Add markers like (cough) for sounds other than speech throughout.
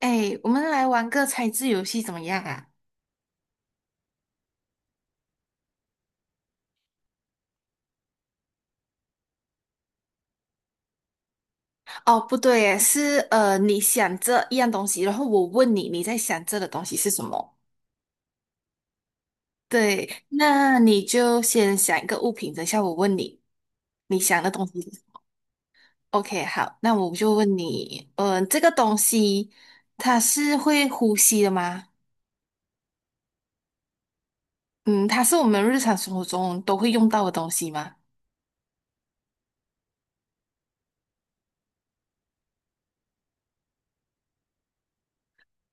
哎，我们来玩个猜字游戏怎么样啊？哦，不对耶是你想这一样东西，然后我问你，你在想这的东西是什么？对，那你就先想一个物品，等一下我问你，你想的东西是什么。 OK，好，那我就问你，这个东西它是会呼吸的吗？嗯，它是我们日常生活中都会用到的东西吗？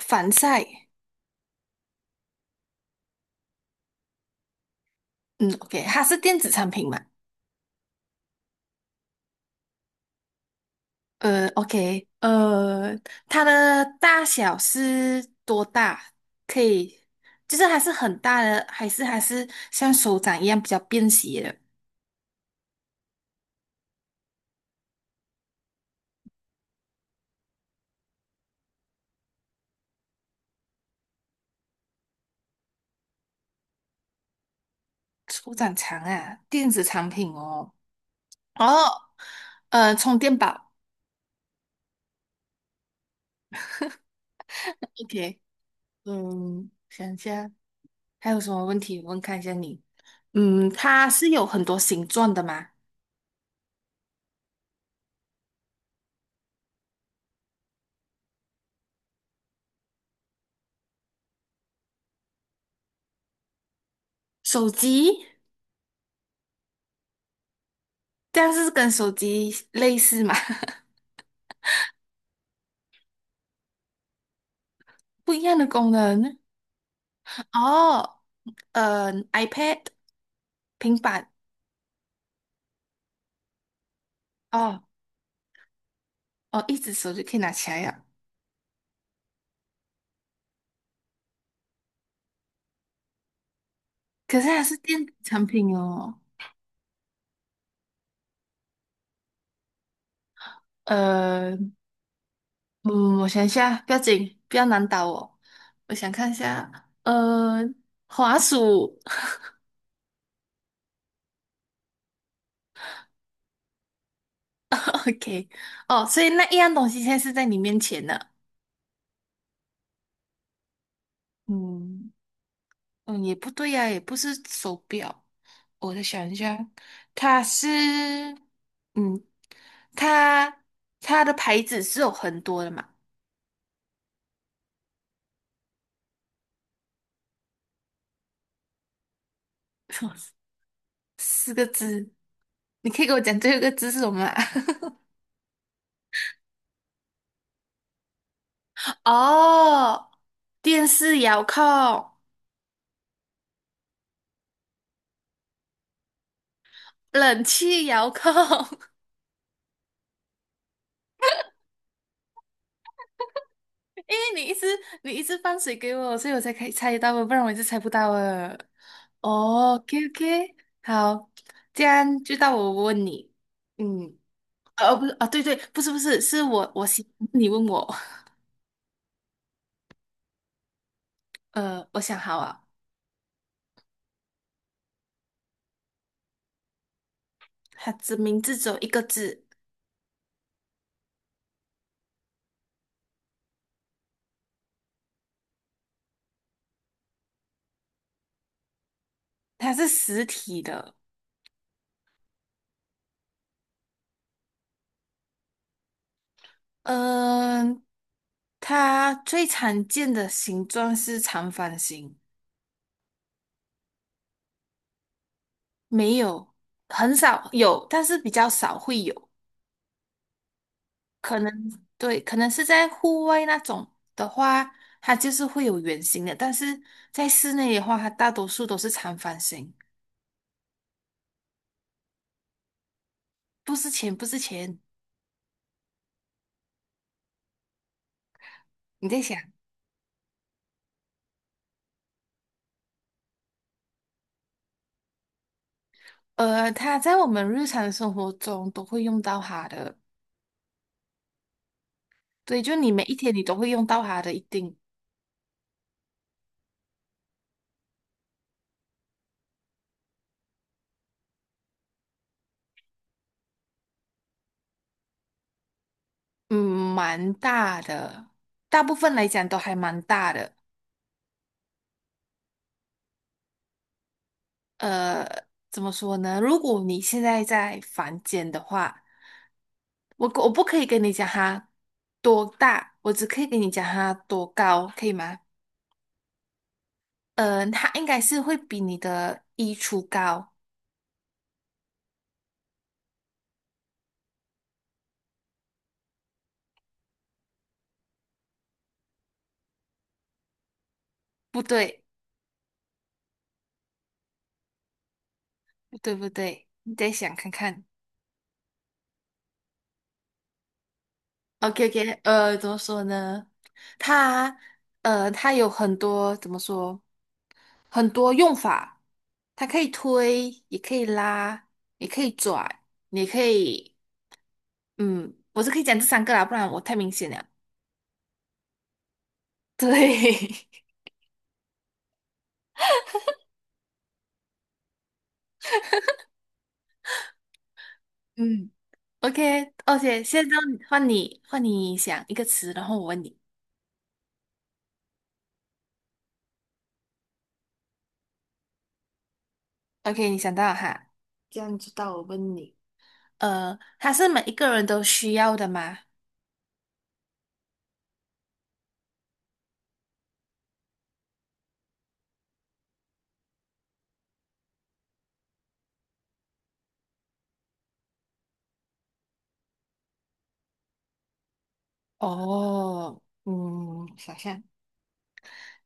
防晒，嗯，OK，它是电子产品吗？OK，它的大小是多大？可以，就是还是很大的，还是像手掌一样比较便携的？手掌长啊，电子产品哦。哦，充电宝。OK，嗯，想一下还有什么问题？我问看一下你。嗯，它是有很多形状的吗？手机，但是跟手机类似嘛？(laughs) 不一样的功能。哦iPad、平板，哦哦，一只手就可以拿起来呀。可是它是电子产品哦。呃，嗯，我想一下，不要紧，不要难倒我。我想看一下，滑鼠 (laughs)，OK，哦，所以那一样东西现在是在你面前呢。嗯嗯，也不对呀、也不是手表。我再想一下，它是，嗯，它它的牌子是有很多的嘛？(laughs) 四个字，你可以给我讲最后一个字是什么吗？(laughs) 哦，电视遥控、冷气遥控，(laughs) 因为你一直你一直放水给我，所以我才可以猜到哦不然我一直猜不到的。哦，OK OK，好，这样就到我问你，嗯，哦，不是，啊，对对，不是不是，是我想你问我，(laughs) 我想好啊，它的名字只有一个字，它是实体的，嗯，它最常见的形状是长方形，没有，很少有，但是比较少会有。可能对，可能是在户外那种的话，它就是会有圆形的，但是在室内的话，它大多数都是长方形。不是钱，不是钱，你在想，它在我们日常生活中都会用到它的，对，就你每一天你都会用到它的，一定。嗯，蛮大的，大部分来讲都还蛮大的。呃，怎么说呢？如果你现在在房间的话，我不可以跟你讲它多大，我只可以跟你讲它多高，可以吗？嗯，它应该是会比你的衣橱高，不对，不对，你再想看看。OK OK，怎么说呢？它它有很多怎么说？很多用法，它可以推，也可以拉，也可以转，你可以，嗯，我是可以讲这三个啦，不然我太明显了。对，(laughs) 嗯，OK，而且现在换你，换你想一个词，然后我问你。OK，你想到了哈？这样子到我问你，它是每一个人都需要的吗？哦，嗯，想象，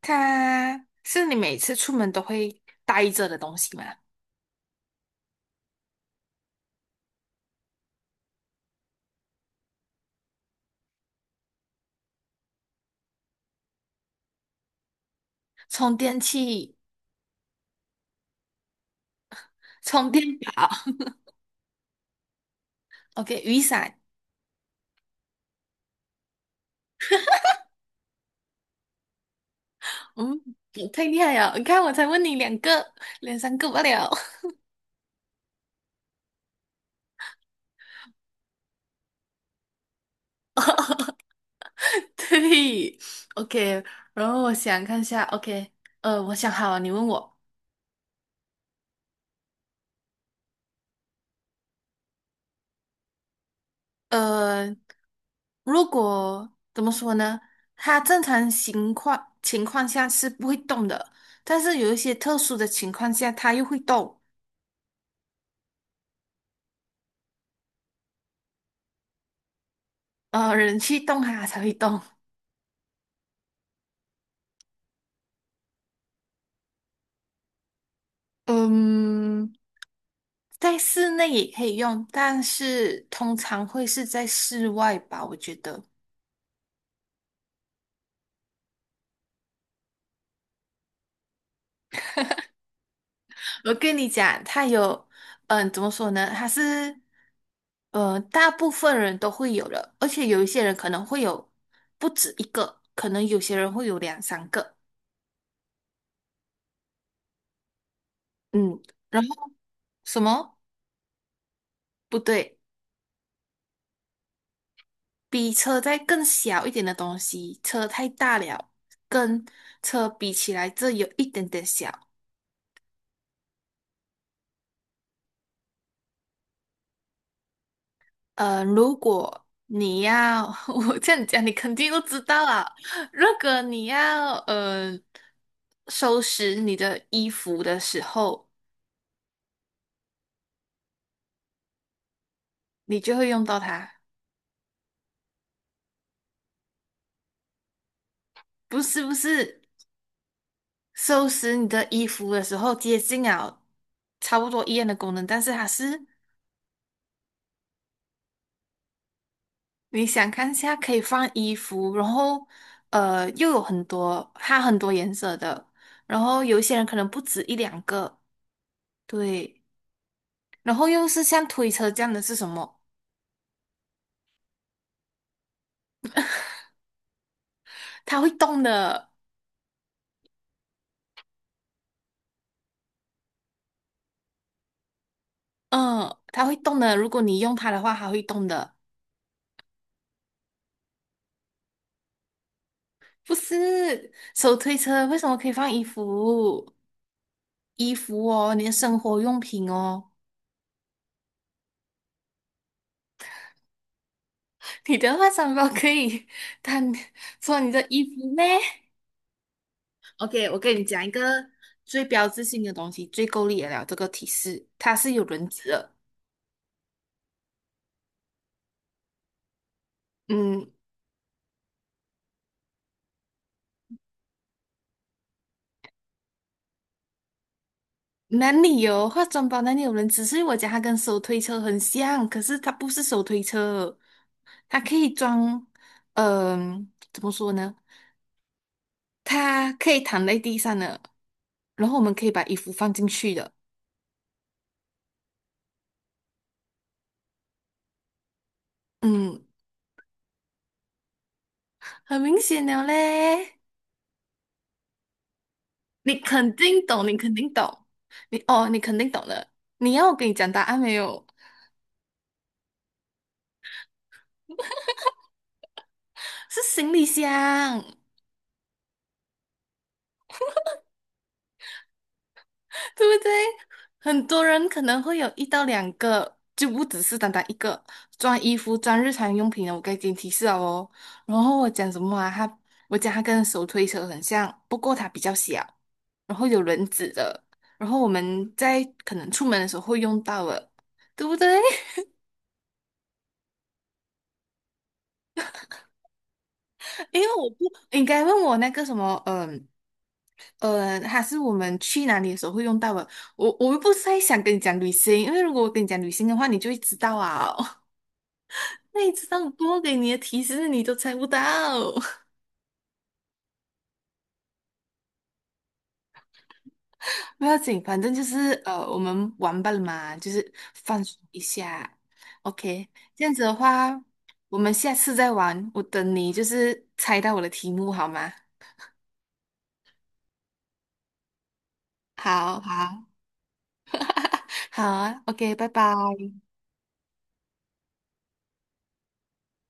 它是你每次出门都会带着的东西吗？充电器、充电宝，OK，雨伞，嗯，你太厉害了！你看，我才问你两个，两三个罢了。(laughs) 对，OK，然后我想看一下，OK，我想好了，你问我，呃，如果怎么说呢？它正常情况下是不会动的，但是有一些特殊的情况下，它又会动，人去动它才会动。嗯，在室内也可以用，但是通常会是在室外吧，我觉得。我跟你讲，它有，嗯，怎么说呢？它是，大部分人都会有的，而且有一些人可能会有不止一个，可能有些人会有两三个。嗯，然后什么？不对，比车再更小一点的东西，车太大了，跟车比起来，这有一点点小。如果你要，(laughs) 我这样讲，你肯定都知道啊。如果你要收拾你的衣服的时候，你就会用到它。不是不是，收拾你的衣服的时候接近了差不多一样的功能，但是它是你想看一下可以放衣服，然后又有很多它很多颜色的，然后有一些人可能不止一两个，对，然后又是像推车这样的是什么？它会动的，嗯，它会动的。如果你用它的话，它会动的。不是手推车，为什么可以放衣服？衣服哦，你的生活用品哦。你的化妆包可以当做你的衣服咩 OK，我跟你讲一个最标志性的东西，最够力的了。这个提示，它是有轮子的。嗯，哪里有化妆包？哪里有人只是我讲它跟手推车很像，可是它不是手推车，它可以装，怎么说呢？它可以躺在地上的，然后我们可以把衣服放进去的。嗯，很明显了嘞，你肯定懂，你肯定懂，你哦，你肯定懂了。你要我给你讲答案没有？是行李箱。对不对？很多人可能会有一到两个，就不只是单单一个装衣服、装日常用品的。我给你提示了哦。然后我讲什么啊？他，我讲它跟手推车很像，不过它比较小，然后有轮子的。然后我们在可能出门的时候会用到的，对不对？(laughs) 因为我不应该问我那个什么，还是我们去哪里的时候会用到的。我又不是在想跟你讲旅行，因为如果我跟你讲旅行的话，你就会知道啊哦。那一次让多给你的提示你都猜不到，(laughs) 不要紧，反正就是我们玩吧了嘛，就是放松一下。OK，这样子的话，我们下次再玩。我等你就是猜到我的题目好吗？好好 (laughs) 好啊，OK，拜拜。